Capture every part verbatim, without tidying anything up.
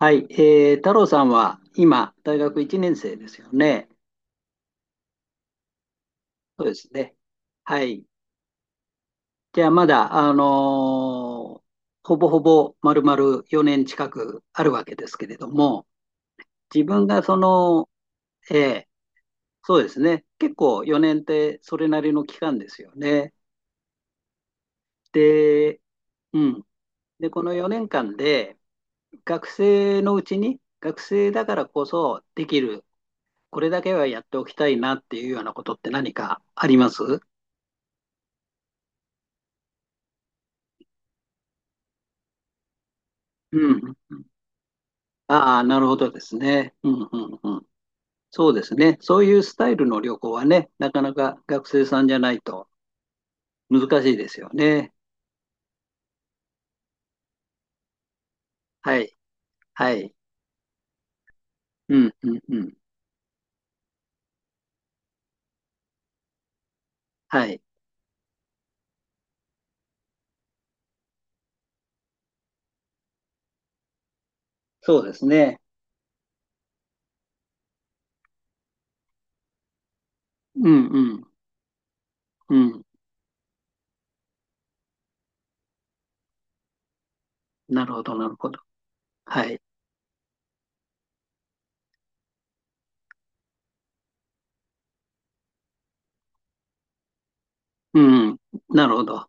はい、えー、太郎さんは今、大学いちねん生ですよね。そうですね。はい。じゃあ、まだ、あのーほぼほぼ丸々4年近くあるわけですけれども、自分がその、えーそうですね。結構よねんってそれなりの期間ですよね。で、うん。で、このよねんかんで、学生のうちに、学生だからこそできる、これだけはやっておきたいなっていうようなことって何かあります？うん。ああ、なるほどですね。うんうんうん。そうですね。そういうスタイルの旅行はね、なかなか学生さんじゃないと難しいですよね。はい。はい。うんうんうん。はい。そうですね。うんうん。うん。なるほど、なるほど。はい。うんうん。なるほど。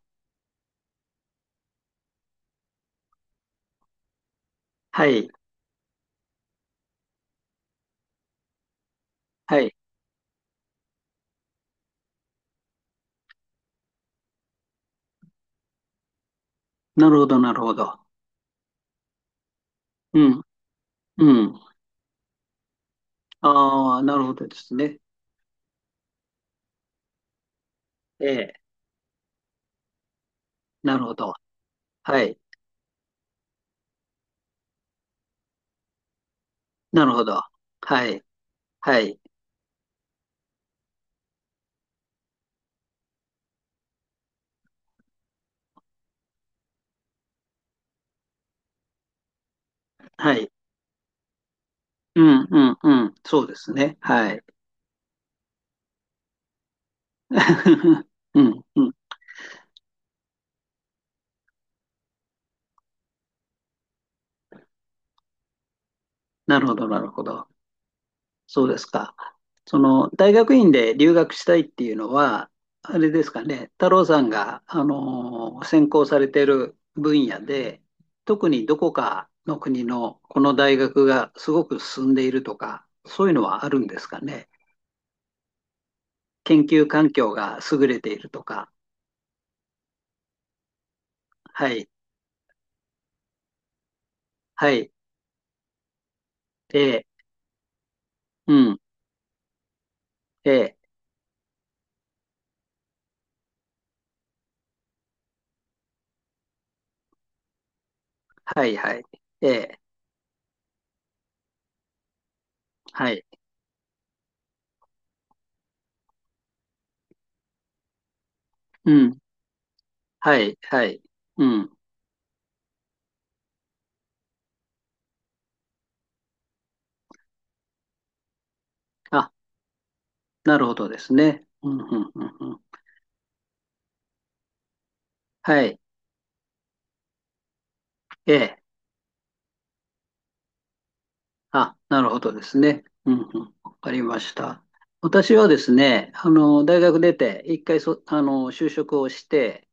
はい。はい。なるほど、なるほど。うん。うん。ああ、なるほどですね。ええ。なるほど。はい。なるほど。はい。はい。はい。うんうんうん。そうですね。はい。うんうん。なるほど、なるほど。そうですか。その、大学院で留学したいっていうのは、あれですかね、太郎さんが、あのー専攻されている分野で、特にどこかの国のこの大学がすごく進んでいるとか、そういうのはあるんですかね。研究環境が優れているとか。はい、はい、ええ、うん、ええ、はい、はい、ええ、はい。うん、はい、はい。うん。あ、なるほどですね。うん、うん、うん、うん。はい。ええ。あ、なるほどですね。うん、うん。わかりました。私はですね、あの、大学出て、一回そ、あの、就職をして、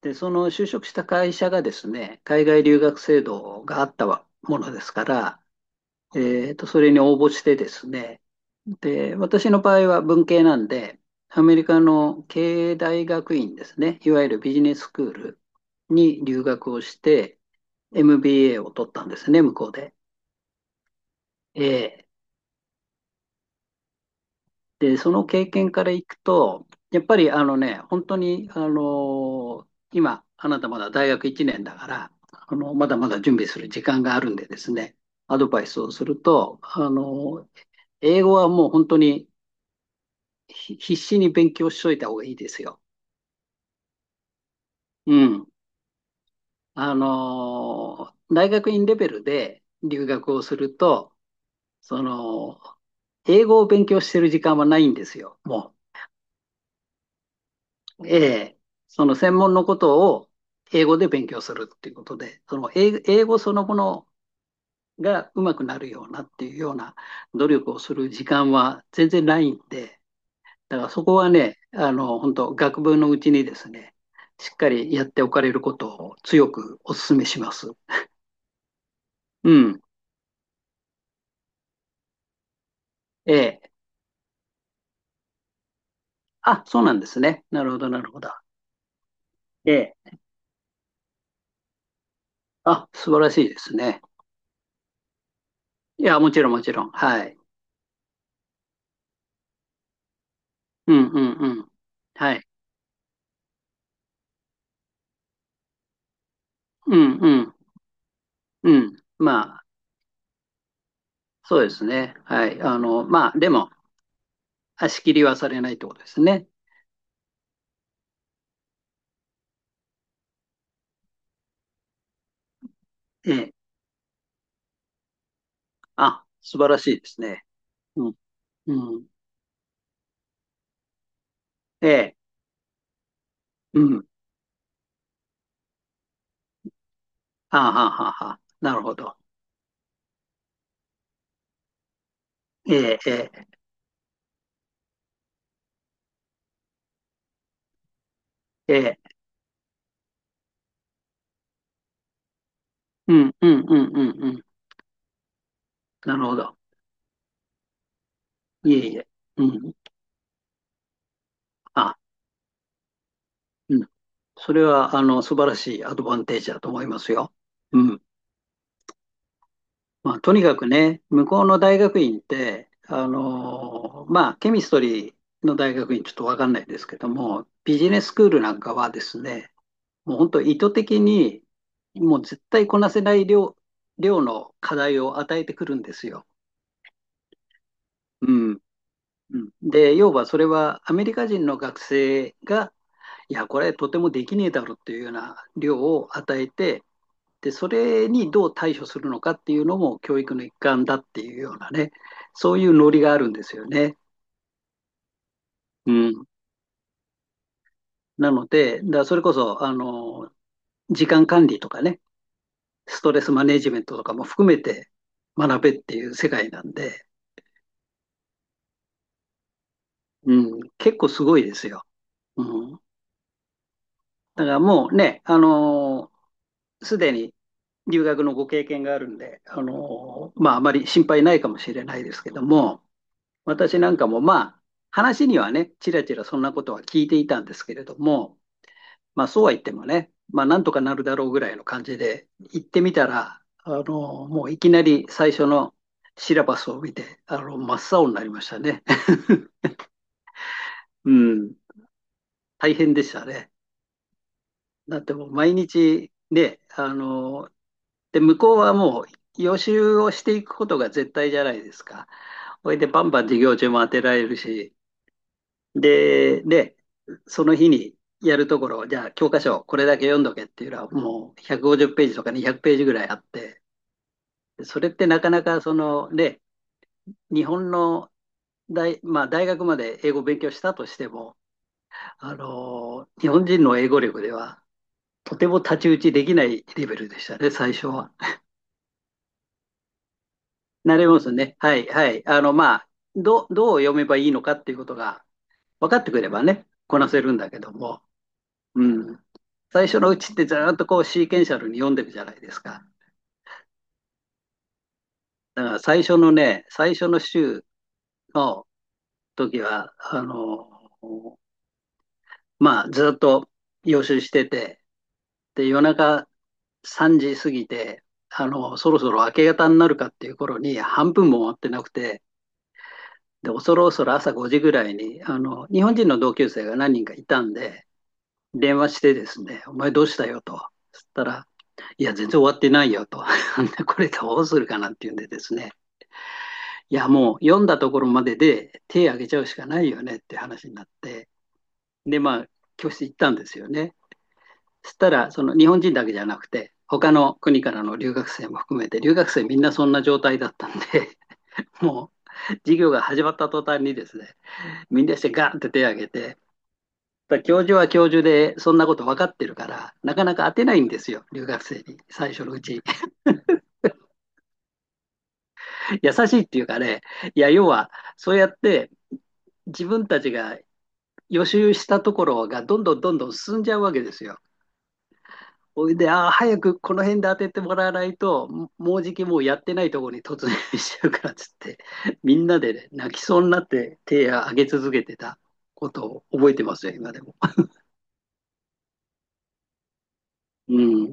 で、その就職した会社がですね、海外留学制度があったわものですから、えーと、それに応募してですね、で、私の場合は文系なんで、アメリカの経営大学院ですね、いわゆるビジネススクールに留学をして、エムビーエー を取ったんですね、向こうで。えーで、その経験からいくと、やっぱりあのね、本当に、あのー今、あなたまだ大学いちねんだから、あの、まだまだ準備する時間があるんでですね、アドバイスをすると、あのー英語はもう本当にひ必死に勉強しといた方がいいですよ。うん。あのー大学院レベルで留学をすると、その、英語を勉強してる時間はないんですよ、もう。ええ。その専門のことを英語で勉強するっていうことで、その英、英語そのものがうまくなるようなっていうような努力をする時間は全然ないんで、だからそこはね、あの、本当学部のうちにですね、しっかりやっておかれることを強くお勧めします。うん。ええ。あ、そうなんですね。なるほど、なるほど。ええ。あ、素晴らしいですね。いや、もちろん、もちろん。はい。うんうんうん。はい。うんうんうん。まあ、そうですね。はい。あの、まあ、でも、足切りはされないってことですね。ええ。あ、素晴らしいですね。うん。うん。ええ。うん。あははは。なるほど。ええ、ええ、ええ、うん、うん、うん、うん、うん。なるほど。いえいえ。うん。あ、うん。それは、あの、素晴らしいアドバンテージだと思いますよ。うん。まあ、とにかくね、向こうの大学院って、あのまあ、ケミストリーの大学院ちょっとわかんないですけども、ビジネススクールなんかはですね、もう本当意図的に、もう絶対こなせない量、量の課題を与えてくるんですよ。うん。うん、で、要はそれはアメリカ人の学生が、いや、これとてもできねえだろっていうような量を与えて、で、それにどう対処するのかっていうのも教育の一環だっていうようなね、そういうノリがあるんですよね。うん。なので、だからそれこそ、あの、時間管理とかね、ストレスマネジメントとかも含めて学べっていう世界なんで、うん、結構すごいですよ。うん。だからもうね、あのすでに留学のご経験があるんで、あのまあ、あまり心配ないかもしれないですけども、私なんかもまあ、話にはね、ちらちらそんなことは聞いていたんですけれども、まあ、そうは言ってもね、まあ、なんとかなるだろうぐらいの感じで行ってみたら、あのもういきなり最初のシラバスを見て、あの真っ青になりましたね。うん、大変でしたね。だってもう毎日ね、あので、向こうはもう予習をしていくことが絶対じゃないですか。それでバンバン授業中も当てられるし、で、で、その日にやるところ、じゃあ教科書これだけ読んどけっていうのはもうひゃくごじゅうページとかにひゃくページぐらいあって、それってなかなかその、ね、日本の大、まあ、大学まで英語を勉強したとしても、あの、日本人の英語力ではとても太刀打ちできないレベルでしたね、最初は。なりますね。はい、はい。あの、まあ、ど、どう読めばいいのかっていうことが分かってくればね、こなせるんだけども、うん。最初のうちってずーっとこうシーケンシャルに読んでるじゃないですか。だから最初のね、最初の週の時は、あの、まあ、ずーっと予習してて、で、夜中さんじ過ぎて、あの、そろそろ明け方になるかっていう頃に半分も終わってなくて、で、恐る恐る朝ごじぐらいに、あの、日本人の同級生が何人かいたんで、電話してですね、お前どうしたよと。そしたら、いや、全然終わってないよと。これどうするかなっていうんでですね、いや、もう読んだところまでで手挙げちゃうしかないよねって話になって、で、まあ、教室行ったんですよね。そしたら、その日本人だけじゃなくて、他の国からの留学生も含めて、留学生みんなそんな状態だったんで、もう授業が始まった途端にですね、みんなしてガーンって手を挙げて、だ教授は教授で、そんなこと分かってるから、なかなか当てないんですよ、留学生に、最初のうち 優しいっていうかね、いや、要は、そうやって自分たちが予習したところがどんどんどんどん進んじゃうわけですよ。それで、あ早くこの辺で当ててもらわないと、ももうじきもうやってないところに突入しちゃうからっつって、みんなで、ね、泣きそうになって手を挙げ続けてたことを覚えてますよ、今でも。うん。